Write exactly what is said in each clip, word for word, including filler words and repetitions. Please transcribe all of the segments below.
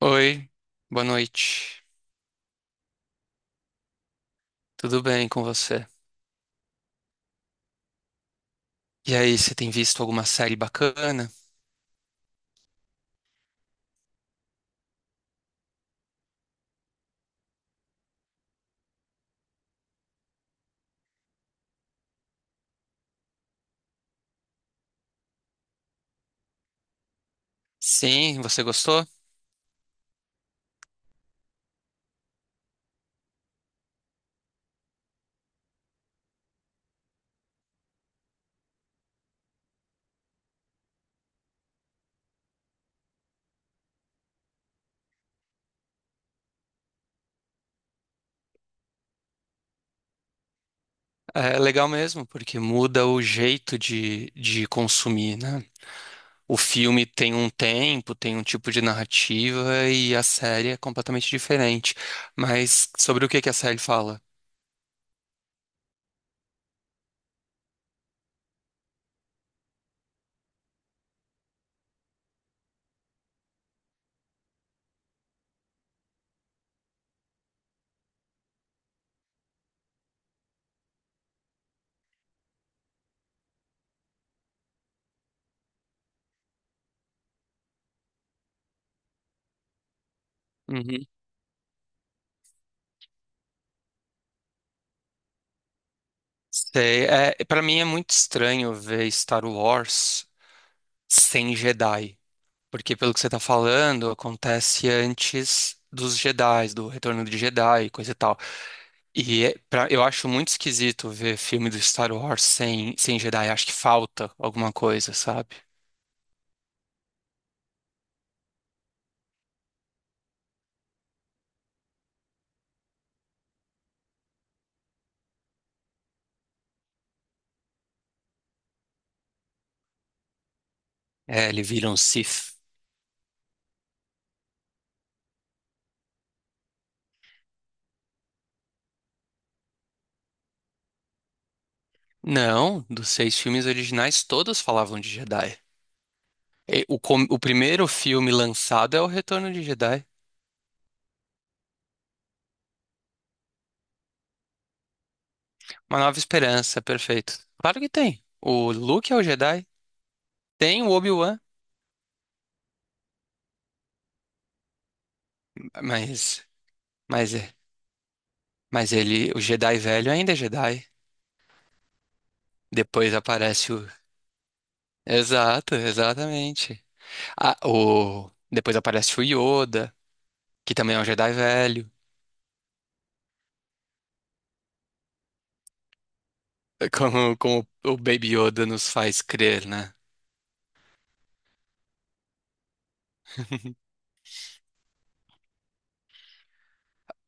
Oi, boa noite. Tudo bem com você? E aí, você tem visto alguma série bacana? Sim, você gostou? É legal mesmo, porque muda o jeito de, de consumir, né? O filme tem um tempo, tem um tipo de narrativa e a série é completamente diferente. Mas sobre o que que a série fala? Uhum. Sei, é, para mim é muito estranho ver Star Wars sem Jedi. Porque pelo que você tá falando, acontece antes dos Jedi, do Retorno de Jedi, e coisa e tal. E é pra- eu acho muito esquisito ver filme do Star Wars sem, sem Jedi. Acho que falta alguma coisa, sabe? É, ele vira um Sith. Não, dos seis filmes originais, todos falavam de Jedi. E o, com- o primeiro filme lançado é o Retorno de Jedi. Uma Nova Esperança, perfeito. Claro que tem. O Luke é o Jedi, tem o Obi-Wan, mas, mas é. Mas ele, o Jedi velho ainda é Jedi. Depois aparece o. Exato, exatamente. Ah, o... Depois aparece o Yoda, que também é um Jedi velho. É como, como o Baby Yoda nos faz crer, né?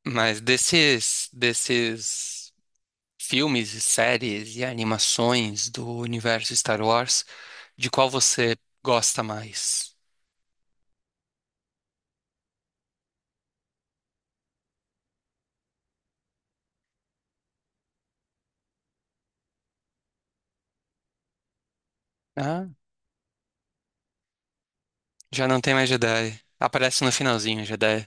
Mas desses, desses filmes, e séries e animações do universo Star Wars, de qual você gosta mais? Ah, já não tem mais Jedi. Aparece no finalzinho, Jedi.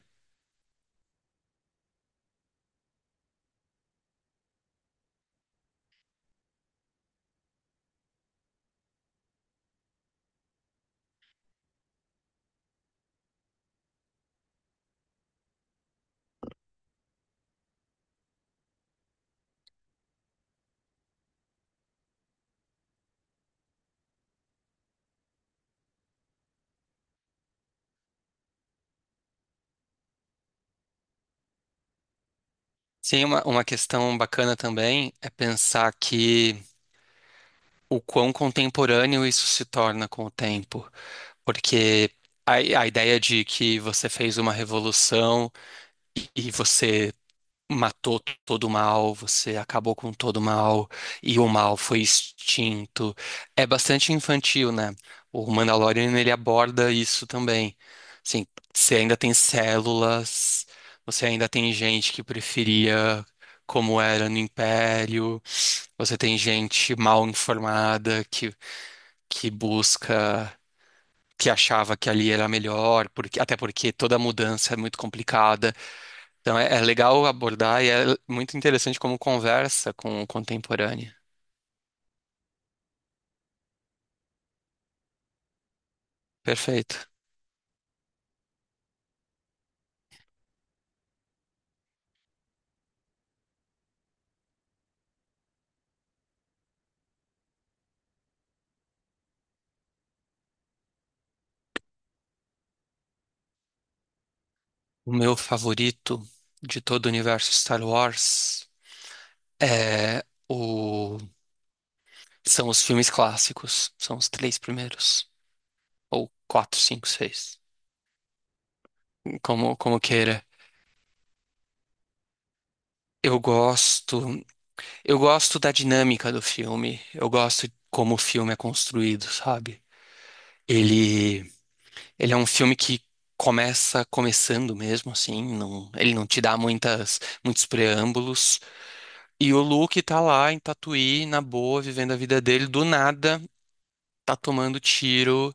Sim, uma, uma questão bacana também é pensar que o quão contemporâneo isso se torna com o tempo, porque a, a ideia de que você fez uma revolução e você matou todo o mal, você acabou com todo o mal e o mal foi extinto. É bastante infantil, né? O Mandalorian ele aborda isso também. Assim, você ainda tem células, você ainda tem gente que preferia como era no Império, você tem gente mal informada que, que busca. Que achava que ali era melhor, porque, até porque toda mudança é muito complicada. Então é, é legal abordar e é muito interessante como conversa com o contemporâneo. Perfeito. O meu favorito de todo o universo Star Wars é o... são os filmes clássicos. São os três primeiros. Ou quatro, cinco, seis. Como, como queira. Eu gosto. Eu gosto da dinâmica do filme. Eu gosto como o filme é construído, sabe? Ele Ele é um filme que começa começando mesmo, assim, não, ele não te dá muitas, muitos preâmbulos. E o Luke tá lá em Tatuí, na boa, vivendo a vida dele, do nada, tá tomando tiro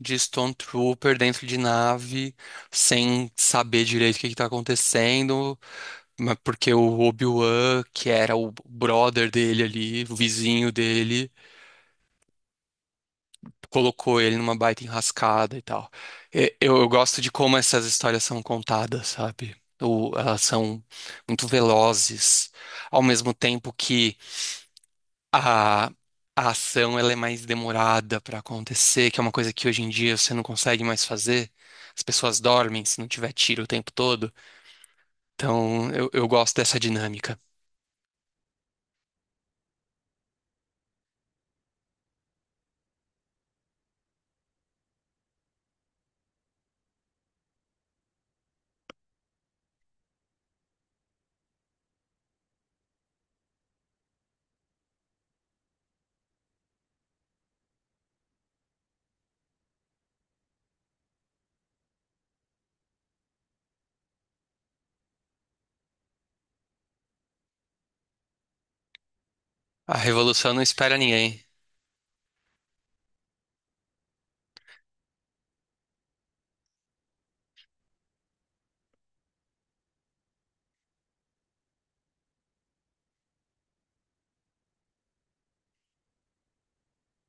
de Stormtrooper dentro de nave, sem saber direito o que que tá acontecendo, mas porque o Obi-Wan, que era o brother dele ali, o vizinho dele, colocou ele numa baita enrascada e tal. E- Eu, eu gosto de como essas histórias são contadas, sabe? Ou elas são muito velozes, ao mesmo tempo que a, a ação ela é mais demorada para acontecer, que é uma coisa que hoje em dia você não consegue mais fazer. As pessoas dormem se não tiver tiro o tempo todo. Então eu, eu gosto dessa dinâmica. A revolução não espera ninguém.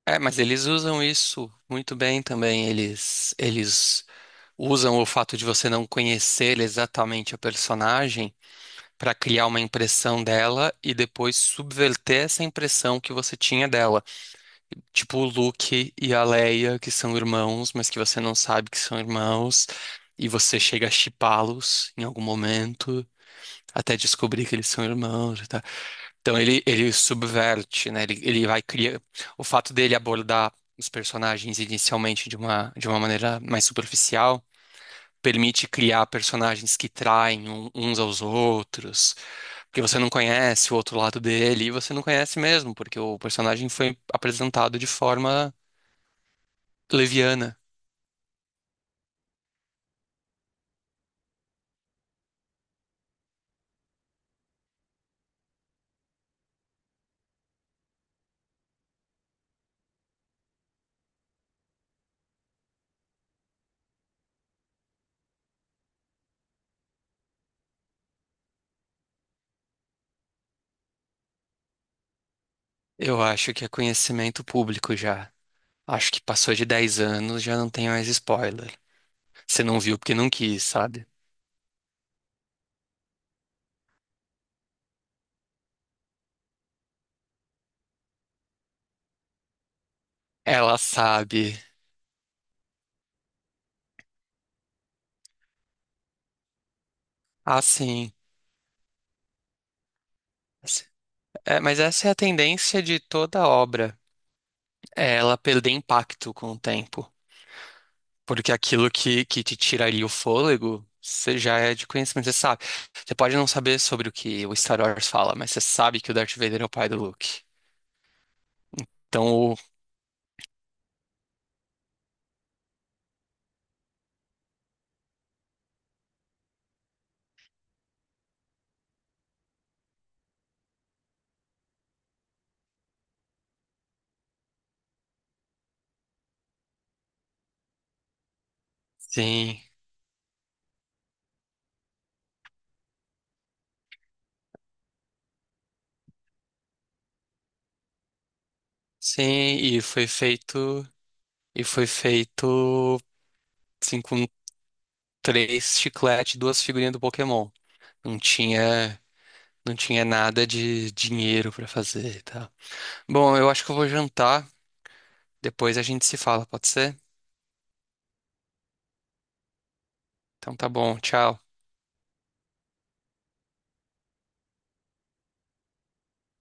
É, mas eles usam isso muito bem também. Eles, eles usam o fato de você não conhecer exatamente a personagem para criar uma impressão dela e depois subverter essa impressão que você tinha dela. Tipo o Luke e a Leia, que são irmãos, mas que você não sabe que são irmãos, e você chega a shippá-los em algum momento. Até descobrir que eles são irmãos, tá? Então ele, ele subverte, né? Ele, ele vai criar. O fato dele abordar os personagens inicialmente de uma, de uma maneira mais superficial permite criar personagens que traem um- uns aos outros, porque você não conhece o outro lado dele, e você não conhece mesmo, porque o personagem foi apresentado de forma leviana. Eu acho que é conhecimento público já. Acho que passou de dez anos, já não tem mais spoiler. Você não viu porque não quis, sabe? Ela sabe. Ah, sim. É, mas essa é a tendência de toda obra, é ela perder impacto com o tempo. Porque aquilo que, que te tira ali o fôlego, você já é de conhecimento, você sabe. Você pode não saber sobre o que o Star Wars fala, mas você sabe que o Darth Vader é o pai do Luke. Então, o- sim, sim, e foi feito, e foi feito, assim, com três chicletes e duas figurinhas do Pokémon. Não tinha, não tinha nada de dinheiro pra fazer e tal. Bom, eu acho que eu vou jantar, depois a gente se fala, pode ser? Então tá bom, tchau.